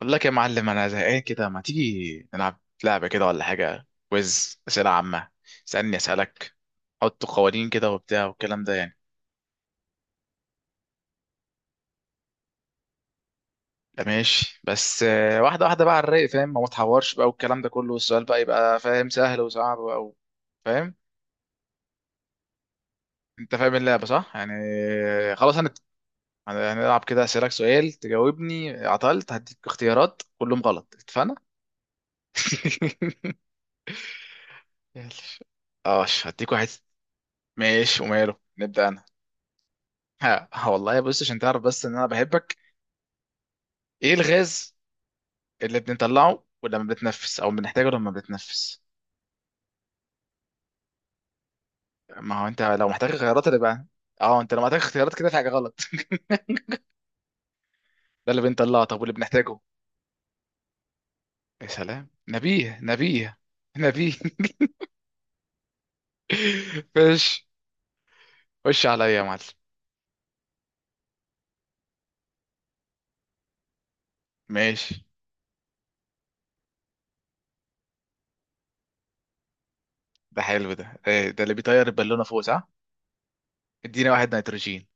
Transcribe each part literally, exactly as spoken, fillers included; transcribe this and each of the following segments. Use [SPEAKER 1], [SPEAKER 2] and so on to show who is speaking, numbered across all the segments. [SPEAKER 1] بقول لك يا معلم انا زهقان كده، ما تيجي نلعب لعبه كده ولا حاجه؟ كويز اسئله عامه، اسالني اسالك، حط قوانين كده وبتاع والكلام ده يعني. لا ماشي، بس آه، واحده واحده بقى على الرايق فاهم، ما متحورش بقى والكلام ده كله، والسؤال بقى يبقى فاهم سهل وصعب او فاهم. انت فاهم اللعبه صح يعني؟ آه، خلاص هنت... هن- هنلعب كده، اسالك سؤال تجاوبني، عطلت هديك اختيارات كلهم غلط، اتفقنا. يلا. اه هديك واحد. ماشي وماله، نبدا انا. ها ها والله، بص عشان تعرف بس ان انا بحبك. ايه الغاز اللي بنطلعه ولما بتنفس او بنحتاجه لما بتنفس؟ ما هو انت لو محتاج خيارات اللي بقى. اه انت لو محتاج اختيارات كده، في حاجه غلط. ده اللي بنطلعه طب واللي بنحتاجه؟ يا سلام، نبيه نبيه نبيه. ماشي، خش عليا يا معلم. ماشي. ده حلو، ده إيه ده اللي بيطير البالونه فوق صح؟ ادينا واحد، نيتروجين.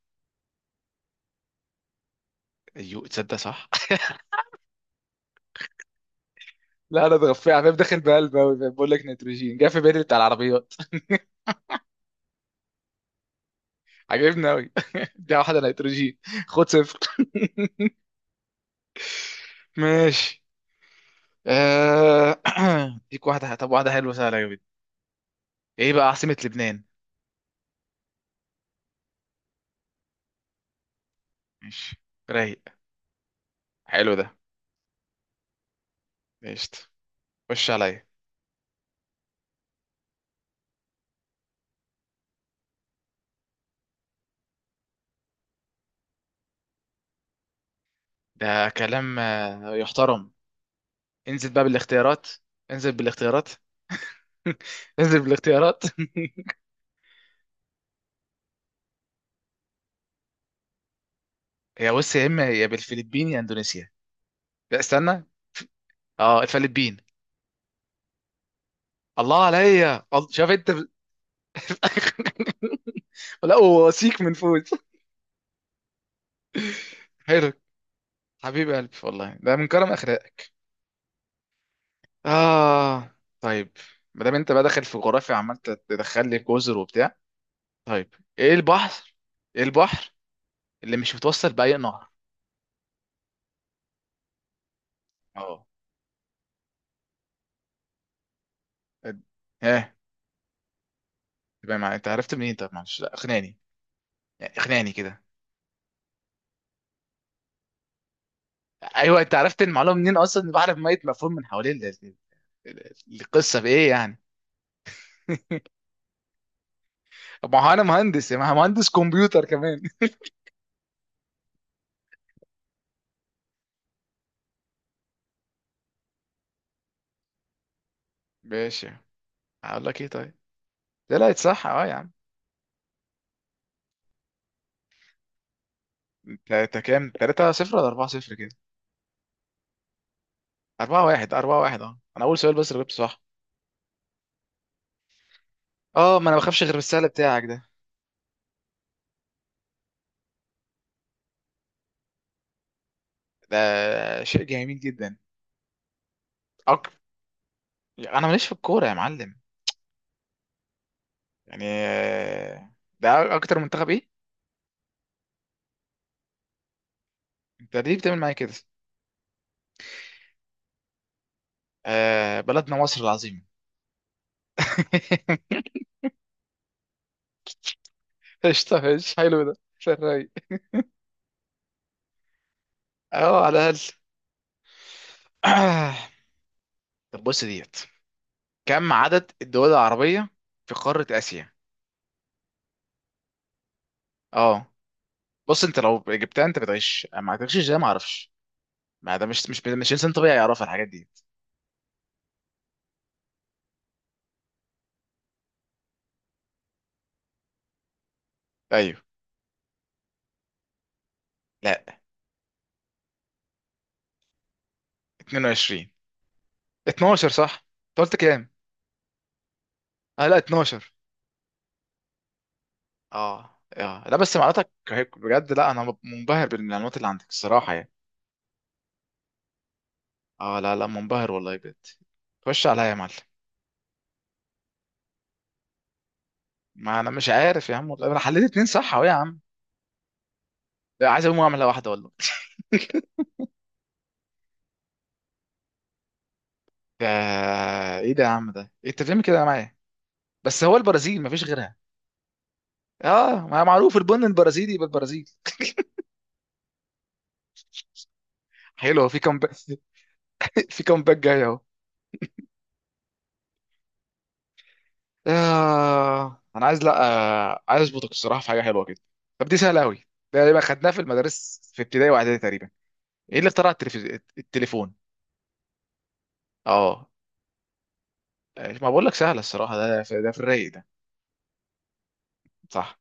[SPEAKER 1] ايوه تصدق صح. لا انا اتغفيت عفيف داخل بقلب أوي، بقول لك نيتروجين جه في بالي بتاع العربيات. عجبني أوي. دي واحدة نيتروجين. خد صفر. ماشي. آه، اديك واحدة، طب واحدة حلوة سهلة جدا. ايه بقى عاصمة لبنان؟ ماشي. رايق. حلو ده. ماشي، خش عليا. ده كلام آه، يحترم. انزل بقى بالاختيارات. انزل بالاختيارات. انزل بالاختيارات. يا بص، يا اما يا بالفلبين يا اندونيسيا. لا استنى. اه الفلبين. الله عليا، الله- شوف انت. لا وسيك من فوز. حلو. حبيب قلبي والله، ده من كرم اخلاقك. اه طيب. ما دام انت بقى داخل في جغرافيا عمال تدخل لي جزر وبتاع، طيب ايه البحر، ايه البحر اللي مش متوصل باي نهر؟ اه. اد- ها. تبقى مع... انت عرفت منين؟ طب معلش لا، اقنعني يعني، اقنعني كده. ايوه انت عرفت المعلومه منين اصلا، إن بعرف ميه مفهوم من حوالين ال- ال- ال- القصه بايه يعني؟ طب ما هو انا مهندس يا ما، مهندس كمبيوتر كمان. ماشي. هقول لك ايه طيب. طلعت صح اه يا عم. انت انت كام، ثلاثة صفر ولا أربعة صفر كده؟ أربعة واحد أربعة واحد، أه أنا أول سؤال بس اللي جبته صح. أه ما أنا بخافش غير بالسهل بتاعك ده. ده شيء جميل جدا. أك... أنا ماليش في الكورة يا معلم. يعني آه، ده أكتر منتخب إيه؟ أنت ليه بتعمل معايا كده؟ آه بلدنا مصر العظيمة. قشطة ماشي، حلو ده في الرايق. أه على الأقل. طب بص ديت، كم عدد الدول العربية في قارة آسيا؟ أه. بص أنت لو جبتها أنت بتعيش، ما هتعيش إزاي ما أعرفش، ما ده مش مش مش إنسان طبيعي يعرف الحاجات دي. ايوه. لا اثنين وعشرين، اتناشر صح. انت قلت كام؟ اه لا اتناشر. اه اه لا، بس معلوماتك هيك بجد، لا انا منبهر بالمعلومات اللي عندك الصراحه يعني. اه لا لا منبهر والله بجد. خش عليا يا معلم. ما انا مش عارف يا عم والله، انا حليت اتنين صح اهو يا عم. لا عايز اقوم اعمل واحده والله. ده ايه ده يا عم، ده إيه انت بتعمل كده معايا؟ بس هو البرازيل مفيش غيرها. اه، ما معروف البن البرازيلي يبقى البرازيل. حلو في كم. في كم باك جاي اهو. آه انا عايز، لا. آه عايز اظبطك الصراحه في حاجه حلوه كده. طب دي سهله قوي. ده يبقى خدناها في المدارس في ابتدائي واعدادي تقريبا. ايه اللي اخترع التلفز... التليفون؟ اه. آه، ما بقول لك سهله الصراحه، ده في... ده في الرايق ده. صح.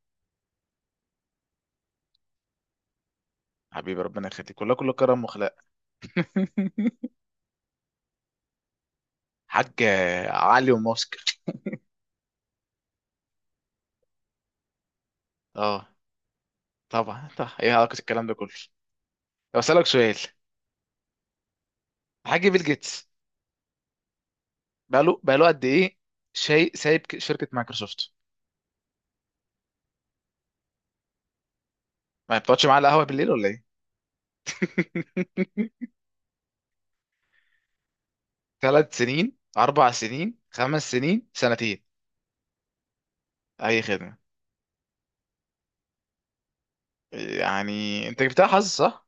[SPEAKER 1] حبيبي ربنا يخليك، كلها كله كرم وخلاق. حاج آه، علي وماسك. اه طبعا طبعا، ايه علاقه الكلام ده كله. طب اسالك سؤال. الحاج بيل جيتس، بقاله بقاله قد ايه شيء سايب ك- شركه مايكروسوفت؟ ما بتقعدش معاه على القهوه بالليل ولا ايه؟ ثلاث سنين، اربع سنين، خمس سنين، سنتين. اي خدمه. يعني انت جبتها حظ صح؟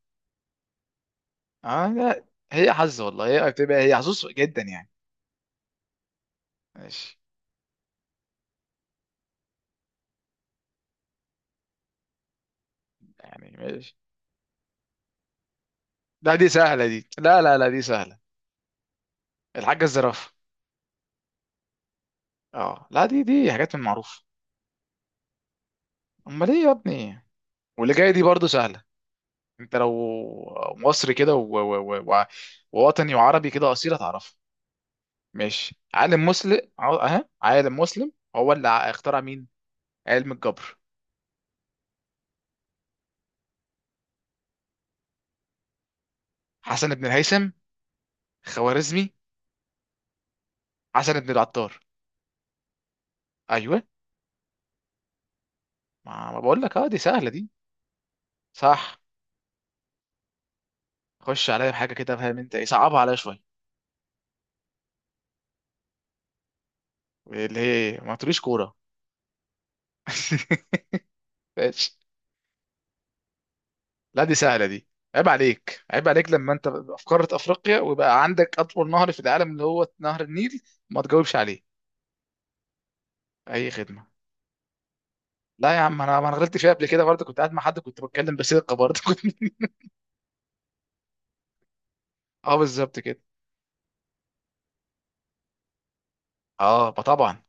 [SPEAKER 1] اه لا، هي حظ والله، هي بتبقى هي حظوظ جدا يعني. ماشي. يعني ماشي. لا دي سهله دي، لا لا لا دي سهله. الحاجه الزرافه. اه لا، دي دي حاجات من معروف. امال ايه يا ابني؟ واللي جايه دي برضو سهله. انت لو مصري كده و... و... و... و- ووطني وعربي كده اصيل، هتعرفها. ماشي. عالم مسلم اهو، عالم مسلم هو اللي اخترع مين علم الجبر؟ حسن بن الهيثم، خوارزمي، حسن بن العطار. ايوه. ما, ما بقول لك اه دي سهله دي. صح. خش عليا بحاجه كده فاهم، انت ايه صعبها عليا شويه، اللي هي ما تقوليش كوره. ماشي. لا دي سهله دي. عيب عليك عيب عليك لما انت في قاره افريقيا، ويبقى عندك اطول نهر في العالم اللي هو نهر النيل، ما تجاوبش عليه. اي خدمه. لا يا عم، انا ما انا غلطت فيها قبل كده برضه، كنت قاعد مع حد، كنت بتكلم بصيغه برضه. كنت اه بالظبط كده. اه طبعا.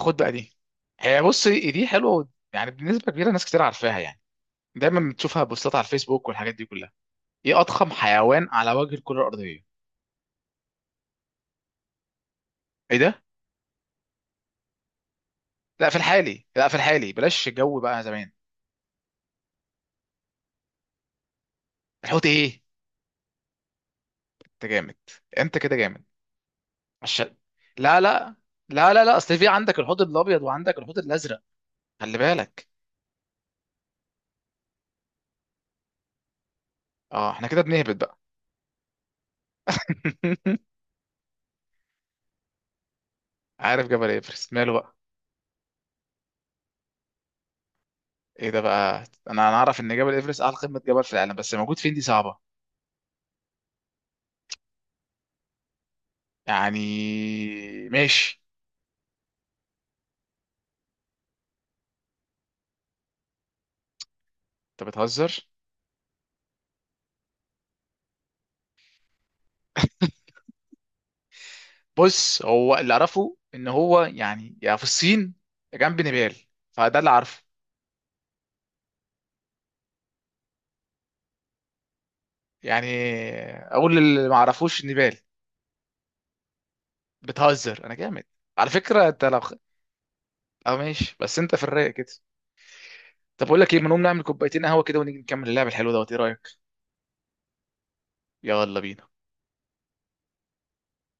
[SPEAKER 1] خد بقى دي. هي بص دي حلوه يعني، بنسبه كبيره ناس كتير عارفاها يعني، دايما بتشوفها بوستات على الفيسبوك والحاجات دي كلها. ايه اضخم حيوان على وجه الكره الارضيه؟ ايه ده؟ لا في الحالي، لا في الحالي بلاش الجو بقى زمان. الحوت ايه؟ انت جامد، انت كده جامد. عشان، لا لا لا لا لا اصل في عندك الحوت الابيض وعندك الحوت الازرق، خلي بالك. اه احنا كده بنهبط بقى. عارف جبل ايفرست ماله بقى. ايه ده بقى؟ انا انا اعرف ان جبل ايفرست اعلى قمه جبل في العالم، بس موجود فين دي صعبه. يعني ماشي. انت بتهزر. بص هو اللي اعرفه ان هو يعني يا في الصين يا جنب نيبال، فده اللي اعرفه. يعني اقول اللي ما اعرفوش نيبال. بتهزر، انا جامد. على فكره انت لو خ- اه ماشي، بس انت في الرايق كده. طب اقول لك ايه، ما نقوم نعمل كوبايتين قهوه كده ونيجي نكمل اللعب الحلو دوت، ايه رايك؟ يلا بينا.